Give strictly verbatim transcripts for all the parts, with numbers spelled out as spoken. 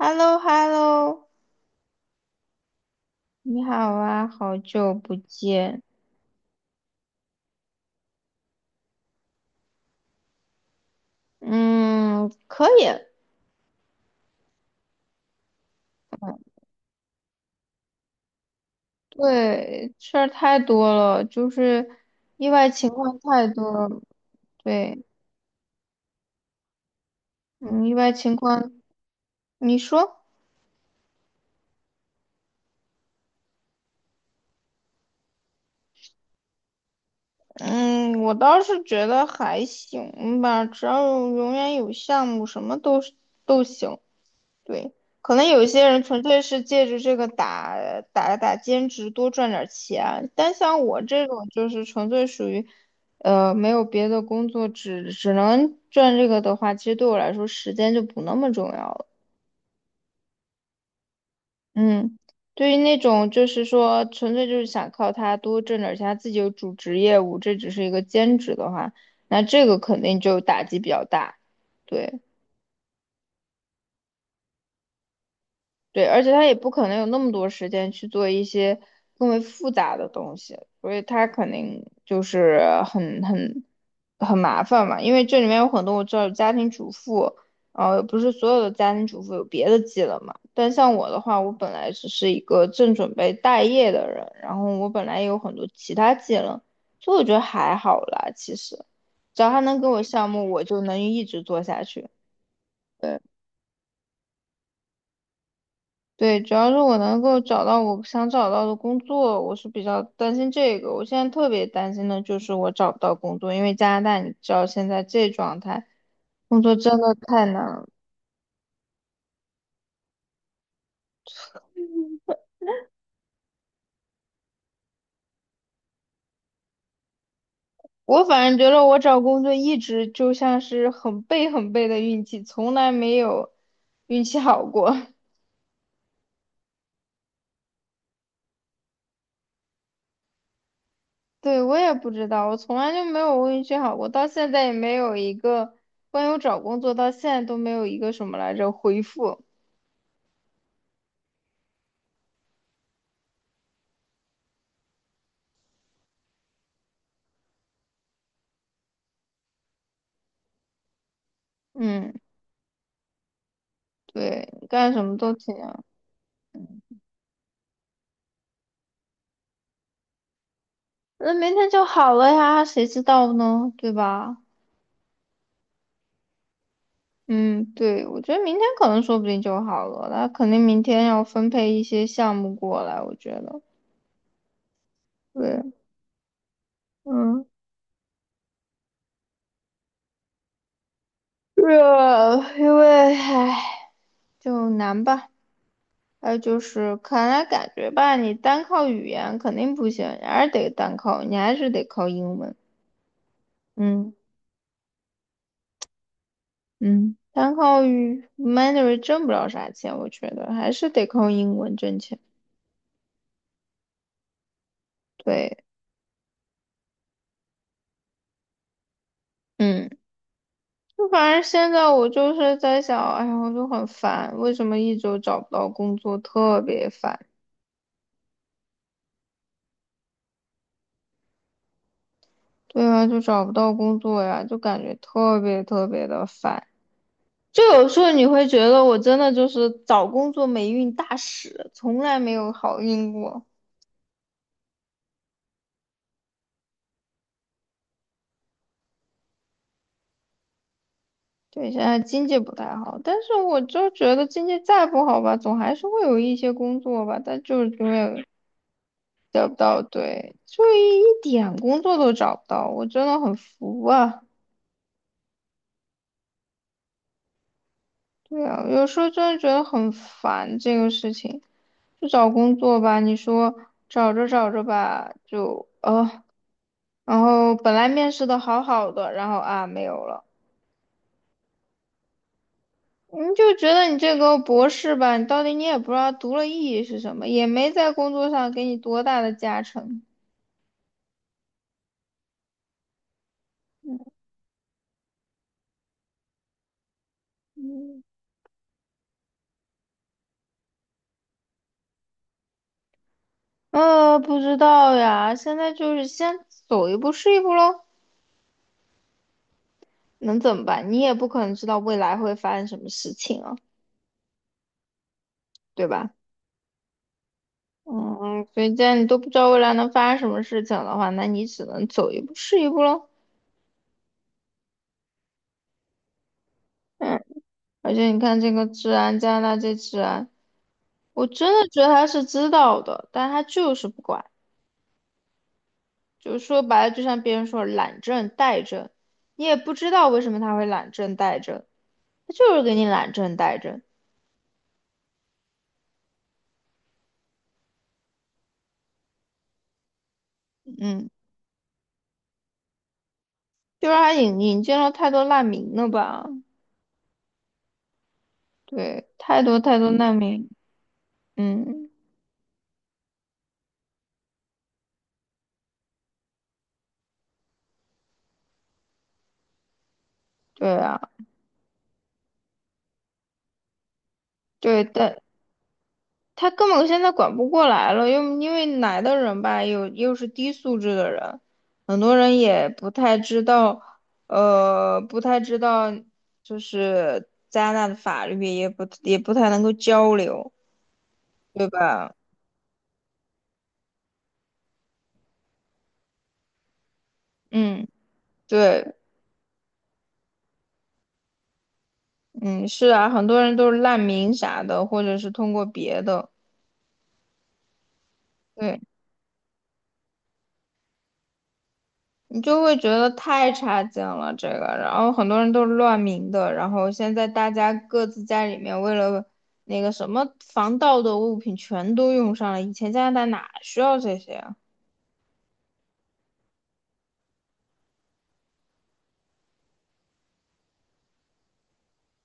h e l l o h e l l o 你好啊，好久不见。嗯，可以。对，事儿太多了，就是意外情况太多了。对，嗯，意外情况，你说？嗯，我倒是觉得还行吧，只要有永远有项目，什么都是都行。对，可能有一些人纯粹是借着这个打打打兼职多赚点钱，但像我这种就是纯粹属于，呃，没有别的工作，只只能赚这个的话，其实对我来说时间就不那么重要了。嗯，对于那种就是说纯粹就是想靠他多挣点钱，他自己有主职业务，这只是一个兼职的话，那这个肯定就打击比较大。对。对，而且他也不可能有那么多时间去做一些更为复杂的东西，所以他肯定就是很很很麻烦嘛。因为这里面有很多我知道有家庭主妇，呃，不是所有的家庭主妇有别的技能嘛。但像我的话，我本来只是一个正准备待业的人，然后我本来也有很多其他技能，所以我觉得还好啦。其实，只要他能给我项目，我就能一直做下去。对，主要是我能够找到我想找到的工作，我是比较担心这个。我现在特别担心的就是我找不到工作，因为加拿大你知道现在这状态，工作真的太难了。我反正觉得我找工作一直就像是很背很背的运气，从来没有运气好过。对，我也不知道，我从来就没有运气好过，到现在也没有一个关于我找工作到现在都没有一个什么来着回复。嗯，对，干什么都挺。那明天就好了呀，谁知道呢，对吧？嗯，对，我觉得明天可能说不定就好了，那肯定明天要分配一些项目过来，我觉得，对，嗯，是啊，因为，唉，就难吧。还有就是，看来感觉吧，你单靠语言肯定不行，你还是得单靠，你还是得靠英文。嗯嗯，单靠语 Mandarin 挣不了啥钱，我觉得还是得靠英文挣钱。对，嗯。就反正现在我就是在想，哎呀，我就很烦，为什么一周找不到工作，特别烦。对啊，就找不到工作呀，就感觉特别特别的烦。就有时候你会觉得我真的就是找工作霉运大使，从来没有好运过。对，现在经济不太好，但是我就觉得经济再不好吧，总还是会有一些工作吧，但就是永远得不到，对，就一一点工作都找不到，我真的很服啊。对啊，有时候真的觉得很烦这个事情。就找工作吧，你说找着找着吧，就呃，然后本来面试的好好的，然后啊没有了，你就觉得你这个博士吧，你到底你也不知道读了意义是什么，也没在工作上给你多大的加成。嗯，呃，不知道呀，现在就是先走一步是一步喽，能怎么办？你也不可能知道未来会发生什么事情啊，对吧？嗯，所以既然你都不知道未来能发生什么事情的话，那你只能走一步是一步喽。嗯，而且你看这个治安，加拿大这治安，我真的觉得他是知道的，但他就是不管。就是说白了，就像别人说懒政怠政，你也不知道为什么他会懒政怠政，他就是给你懒政怠政。嗯，就是他引引进了太多难民了吧？对，太多太多难民。嗯，对啊，对，但他根本现在管不过来了，又因为来的人吧，又又是低素质的人，很多人也不太知道，呃，不太知道，就是加拿大的法律也不也不太能够交流，对吧？嗯，对，嗯，是啊，很多人都是难民啥的，或者是通过别的，对。你就会觉得太差劲了这个，然后很多人都是乱鸣的，然后现在大家各自家里面为了那个什么防盗的物品全都用上了，以前加拿大哪需要这些啊？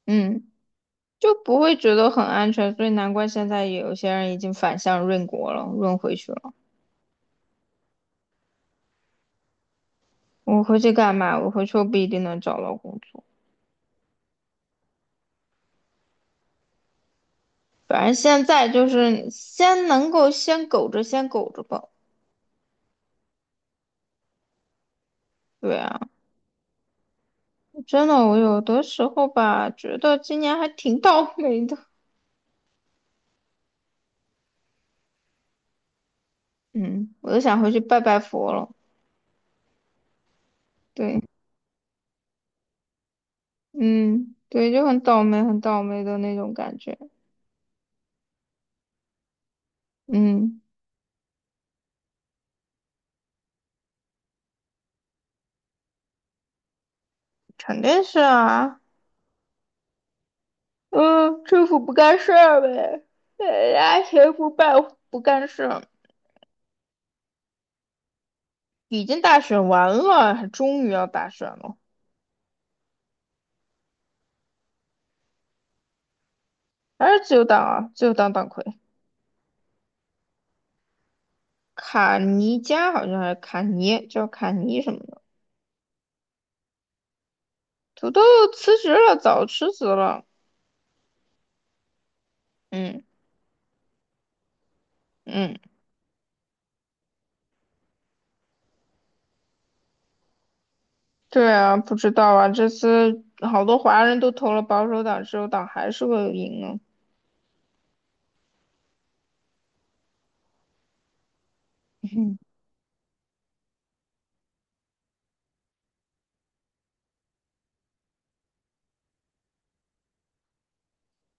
嗯，就不会觉得很安全，所以难怪现在有些人已经反向润国了，润回去了。我回去干嘛？我回去又不一定能找到工作，反正现在就是先能够先苟着，先苟着吧。对啊。真的，我有的时候吧，觉得今年还挺倒霉的。嗯，我都想回去拜拜佛了。对，嗯，对，就很倒霉，很倒霉的那种感觉。嗯，肯定是啊。嗯，政府不干事儿呗，人家谁不办不干事儿？已经大选完了，还终于要大选了，还是自由党啊，自由党党魁卡尼加好像还是卡尼，叫卡尼什么的，土豆辞职了，早辞职了。嗯。嗯，对啊，不知道啊，这次好多华人都投了保守党，自由党还是会赢啊。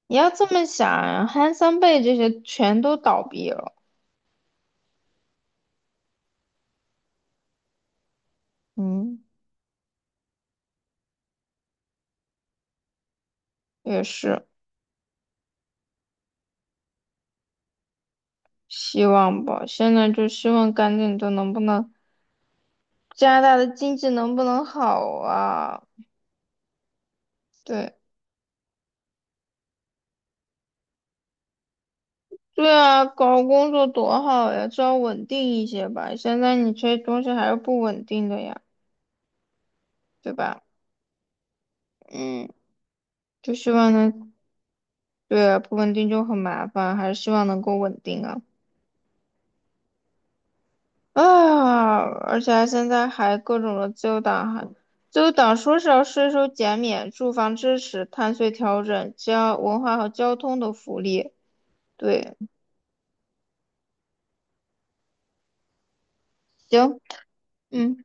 你要这么想啊，汉森贝这些全都倒闭了，嗯，也是，希望吧。现在就希望赶紧的，能不能加拿大的经济能不能好啊？对，对啊，搞工作多好呀，至少稳定一些吧。现在你这些东西还是不稳定的呀，对吧？嗯，就希望能。对，不稳定就很麻烦，还是希望能够稳定啊。啊，而且还现在还各种的自由党还，自由党说是要税收减免、住房支持、碳税调整、交文化和交通的福利。对，行，嗯，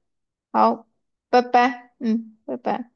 好，拜拜，嗯，拜拜。